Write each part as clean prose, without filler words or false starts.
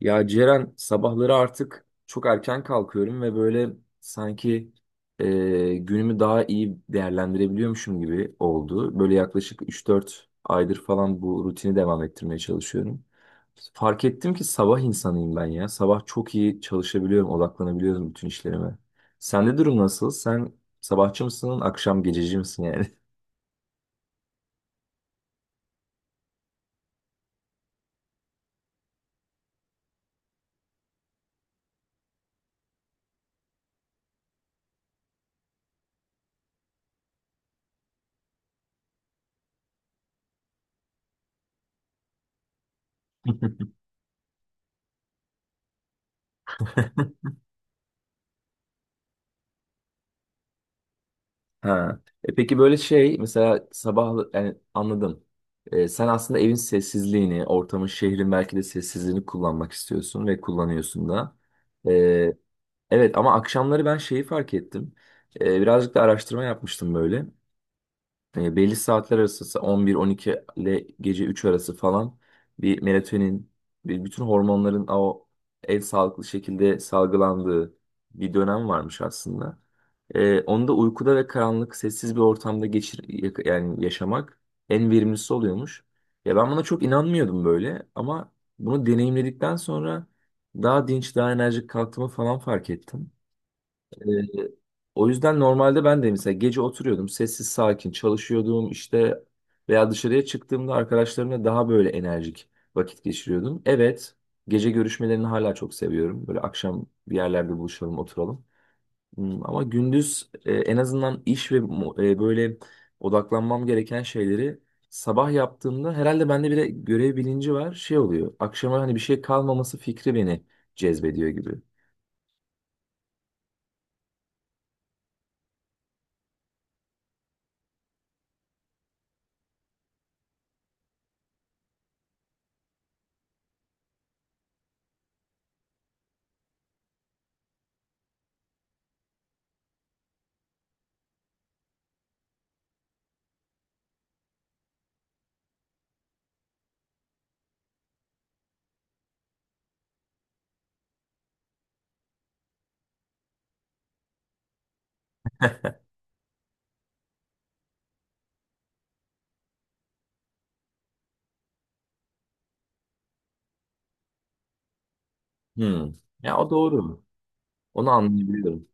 Ya Ceren, sabahları artık çok erken kalkıyorum ve böyle sanki günümü daha iyi değerlendirebiliyormuşum gibi oldu. Böyle yaklaşık üç dört aydır falan bu rutini devam ettirmeye çalışıyorum. Fark ettim ki sabah insanıyım ben ya. Sabah çok iyi çalışabiliyorum, odaklanabiliyorum bütün işlerime. Sende durum nasıl? Sen sabahçı mısın, akşam gececi misin yani? Ha. E peki böyle şey mesela sabah, yani anladım. Sen aslında evin sessizliğini, ortamın, şehrin belki de sessizliğini kullanmak istiyorsun ve kullanıyorsun da. E, evet, ama akşamları ben şeyi fark ettim. Birazcık da araştırma yapmıştım böyle. Belli saatler arası 11-12 ile gece 3 arası falan bir melatonin, bir bütün hormonların o en sağlıklı şekilde salgılandığı bir dönem varmış aslında. Onu da uykuda ve karanlık, sessiz bir ortamda yani yaşamak en verimlisi oluyormuş. Ya ben buna çok inanmıyordum böyle, ama bunu deneyimledikten sonra daha dinç, daha enerjik kalktığımı falan fark ettim. Ee, O yüzden normalde ben de mesela gece oturuyordum, sessiz sakin çalışıyordum işte, veya dışarıya çıktığımda arkadaşlarımla daha böyle enerjik vakit geçiriyordum. Evet, gece görüşmelerini hala çok seviyorum. Böyle akşam bir yerlerde buluşalım, oturalım. Ama gündüz, en azından iş ve böyle odaklanmam gereken şeyleri sabah yaptığımda, herhalde bende bir de görev bilinci var. Şey oluyor, akşama hani bir şey kalmaması fikri beni cezbediyor gibi. Hmm. Ya, o doğru. Onu anlayabiliyorum.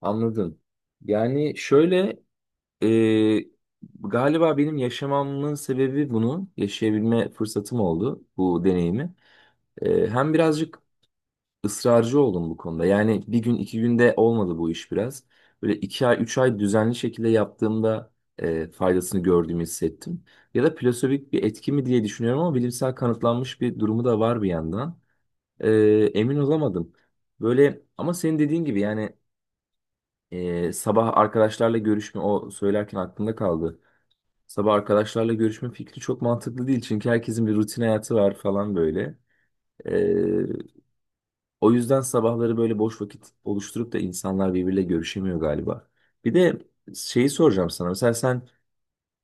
Anladım. Yani şöyle, e, galiba benim yaşamamın sebebi bunu yaşayabilme fırsatım oldu, bu deneyimi. Hem birazcık ısrarcı oldum bu konuda. Yani bir gün iki günde olmadı bu iş biraz. Böyle iki ay üç ay düzenli şekilde yaptığımda faydasını gördüğümü hissettim. Ya da plasebik bir etki mi diye düşünüyorum, ama bilimsel kanıtlanmış bir durumu da var bir yandan. E, Emin olamadım. Böyle ama senin dediğin gibi yani. Sabah arkadaşlarla görüşme, o söylerken aklımda kaldı. Sabah arkadaşlarla görüşme fikri çok mantıklı değil, çünkü herkesin bir rutin hayatı var falan böyle. Ee, O yüzden sabahları böyle boş vakit oluşturup da insanlar birbiriyle görüşemiyor galiba. Bir de şeyi soracağım sana. Mesela sen,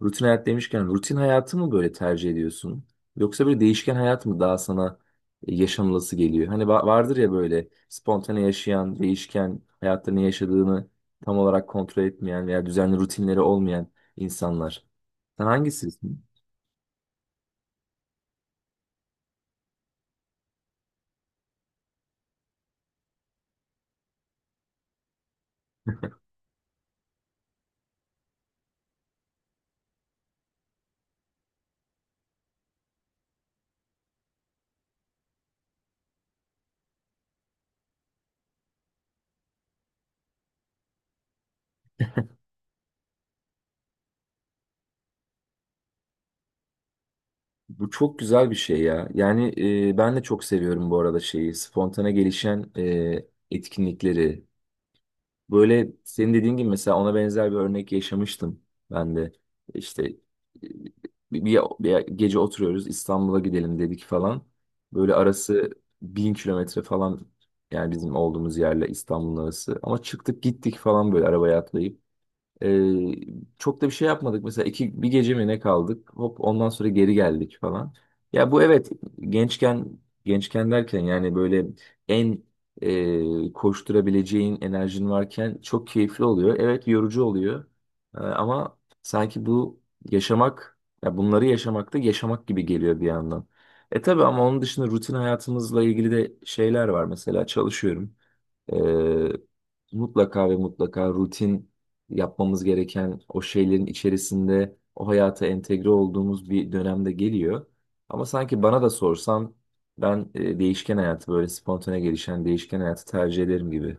rutin hayat demişken, rutin hayatı mı böyle tercih ediyorsun? Yoksa böyle değişken hayat mı daha sana yaşanılası geliyor? Hani vardır ya böyle spontane yaşayan, değişken hayatta ne yaşadığını tam olarak kontrol etmeyen veya düzenli rutinleri olmayan insanlar. Sen hangisisin? Bu çok güzel bir şey ya. Yani ben de çok seviyorum bu arada şeyi, spontane gelişen etkinlikleri. Böyle senin dediğin gibi mesela ona benzer bir örnek yaşamıştım ben de. İşte bir gece oturuyoruz, İstanbul'a gidelim dedik falan. Böyle arası bin kilometre falan, yani bizim olduğumuz yerle İstanbul'un arası. Ama çıktık gittik falan, böyle arabaya atlayıp. Ee, Çok da bir şey yapmadık. Mesela iki, bir gece mi ne kaldık? Hop, ondan sonra geri geldik falan. Ya bu evet, gençken, gençken derken yani böyle en koşturabileceğin enerjin varken çok keyifli oluyor. Evet, yorucu oluyor. Ama sanki bu yaşamak, ya bunları yaşamak da yaşamak gibi geliyor bir yandan. E tabii, ama onun dışında rutin hayatımızla ilgili de şeyler var. Mesela çalışıyorum. Ee, Mutlaka ve mutlaka rutin yapmamız gereken o şeylerin içerisinde, o hayata entegre olduğumuz bir dönemde geliyor. Ama sanki bana da sorsan, ben değişken hayatı, böyle spontane gelişen değişken hayatı tercih ederim gibi.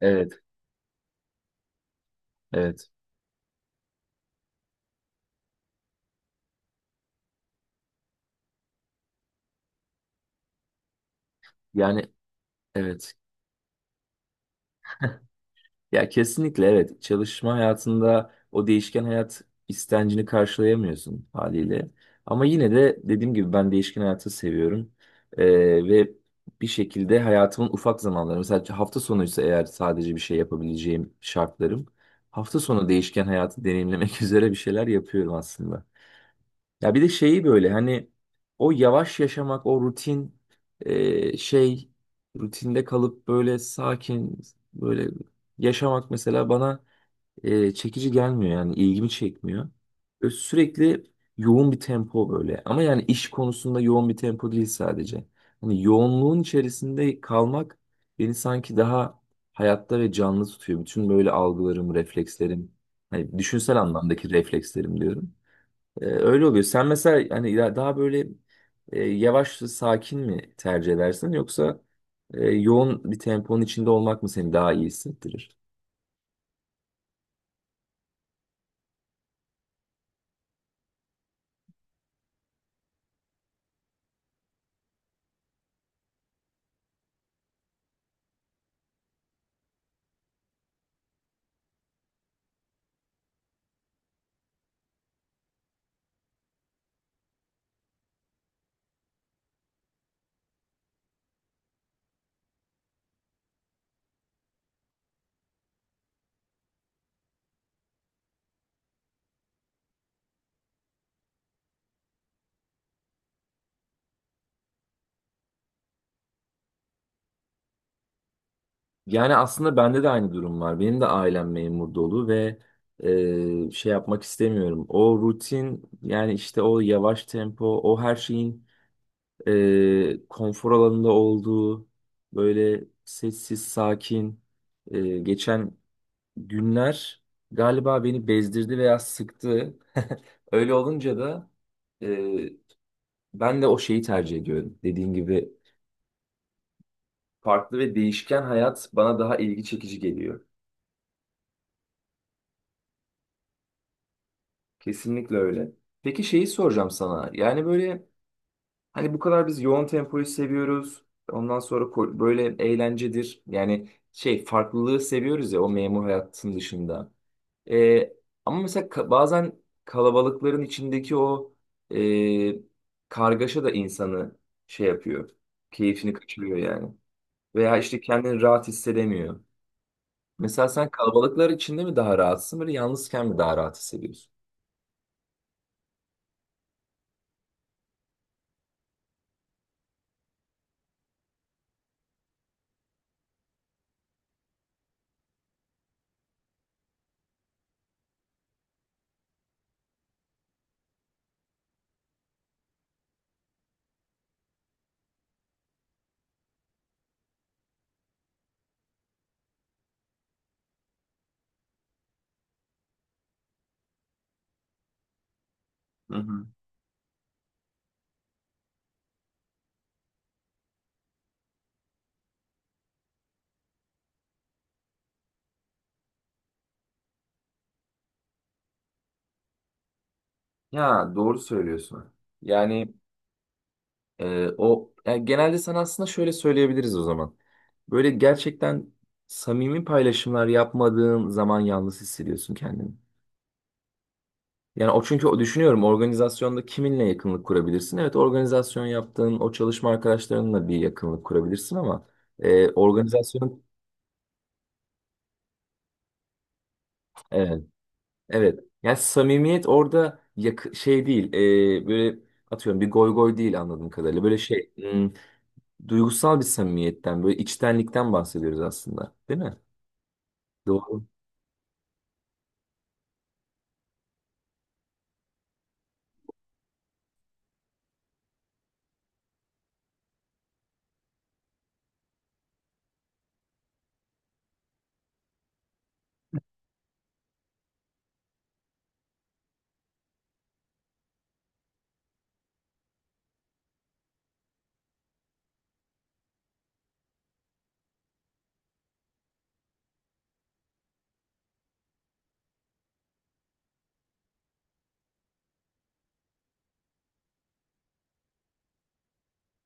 Evet, evet. Yani evet. Ya kesinlikle evet. Çalışma hayatında o değişken hayat istencini karşılayamıyorsun haliyle. Ama yine de dediğim gibi, ben değişken hayatı seviyorum. Ee, Ve bir şekilde hayatımın ufak zamanları, mesela hafta sonuysa eğer, sadece bir şey yapabileceğim şartlarım. Hafta sonu değişken hayatı deneyimlemek üzere bir şeyler yapıyorum aslında. Ya bir de şeyi, böyle hani o yavaş yaşamak, o rutin, e, şey rutinde kalıp böyle sakin böyle yaşamak mesela bana çekici gelmiyor, yani ilgimi çekmiyor. Böyle sürekli yoğun bir tempo, böyle ama yani iş konusunda yoğun bir tempo değil sadece. Hani yoğunluğun içerisinde kalmak beni sanki daha hayatta ve canlı tutuyor. Bütün böyle algılarım, reflekslerim, hani düşünsel anlamdaki reflekslerim diyorum. Öyle oluyor. Sen mesela hani daha böyle yavaş sakin mi tercih edersin, yoksa yoğun bir temponun içinde olmak mı seni daha iyi hissettirir? Yani aslında bende de aynı durum var. Benim de ailem memur dolu ve şey yapmak istemiyorum. O rutin, yani işte o yavaş tempo, o her şeyin konfor alanında olduğu böyle sessiz, sakin. Geçen günler galiba beni bezdirdi veya sıktı. Öyle olunca da e, ben de o şeyi tercih ediyorum. Dediğin gibi farklı ve değişken hayat bana daha ilgi çekici geliyor. Kesinlikle öyle. Peki şeyi soracağım sana. Yani böyle hani bu kadar biz yoğun tempoyu seviyoruz. Ondan sonra böyle eğlencedir. Yani şey farklılığı seviyoruz ya, o memur hayatın dışında. Ee, Ama mesela bazen kalabalıkların içindeki o kargaşa da insanı şey yapıyor. Keyfini kaçırıyor yani. Veya işte kendini rahat hissedemiyor. Mesela sen kalabalıklar içinde mi daha rahatsın, böyle yalnızken mi daha rahat hissediyorsun? Hı hı. Ya doğru söylüyorsun. Yani o, yani genelde sana aslında şöyle söyleyebiliriz o zaman. Böyle gerçekten samimi paylaşımlar yapmadığın zaman yalnız hissediyorsun kendini. Yani o, çünkü o düşünüyorum, organizasyonda kiminle yakınlık kurabilirsin? Evet, organizasyon yaptığın o çalışma arkadaşlarınla bir yakınlık kurabilirsin, ama organizasyon, evet evet, yani samimiyet orada şey değil, böyle atıyorum bir goy goy değil, anladığım kadarıyla böyle şey, duygusal bir samimiyetten, böyle içtenlikten bahsediyoruz aslında, değil mi? Doğru,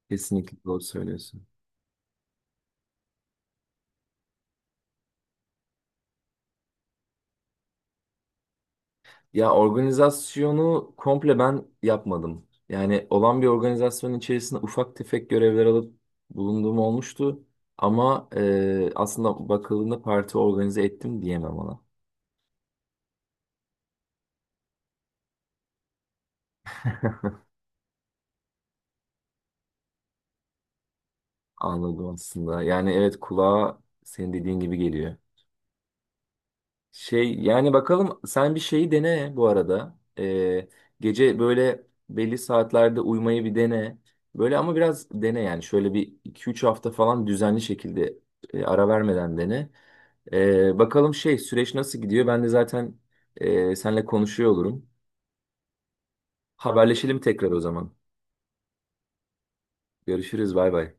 kesinlikle doğru söylüyorsun. Ya organizasyonu komple ben yapmadım. Yani olan bir organizasyonun içerisinde ufak tefek görevler alıp bulunduğum olmuştu. Ama aslında bakıldığında, parti organize ettim diyemem ona. Anladım aslında. Yani evet, kulağa senin dediğin gibi geliyor. Şey, yani bakalım, sen bir şeyi dene bu arada. Gece böyle belli saatlerde uyumayı bir dene. Böyle, ama biraz dene yani, şöyle bir iki üç hafta falan düzenli şekilde ara vermeden dene. Bakalım şey, süreç nasıl gidiyor? Ben de zaten seninle konuşuyor olurum. Haberleşelim tekrar o zaman. Görüşürüz. Bay bay.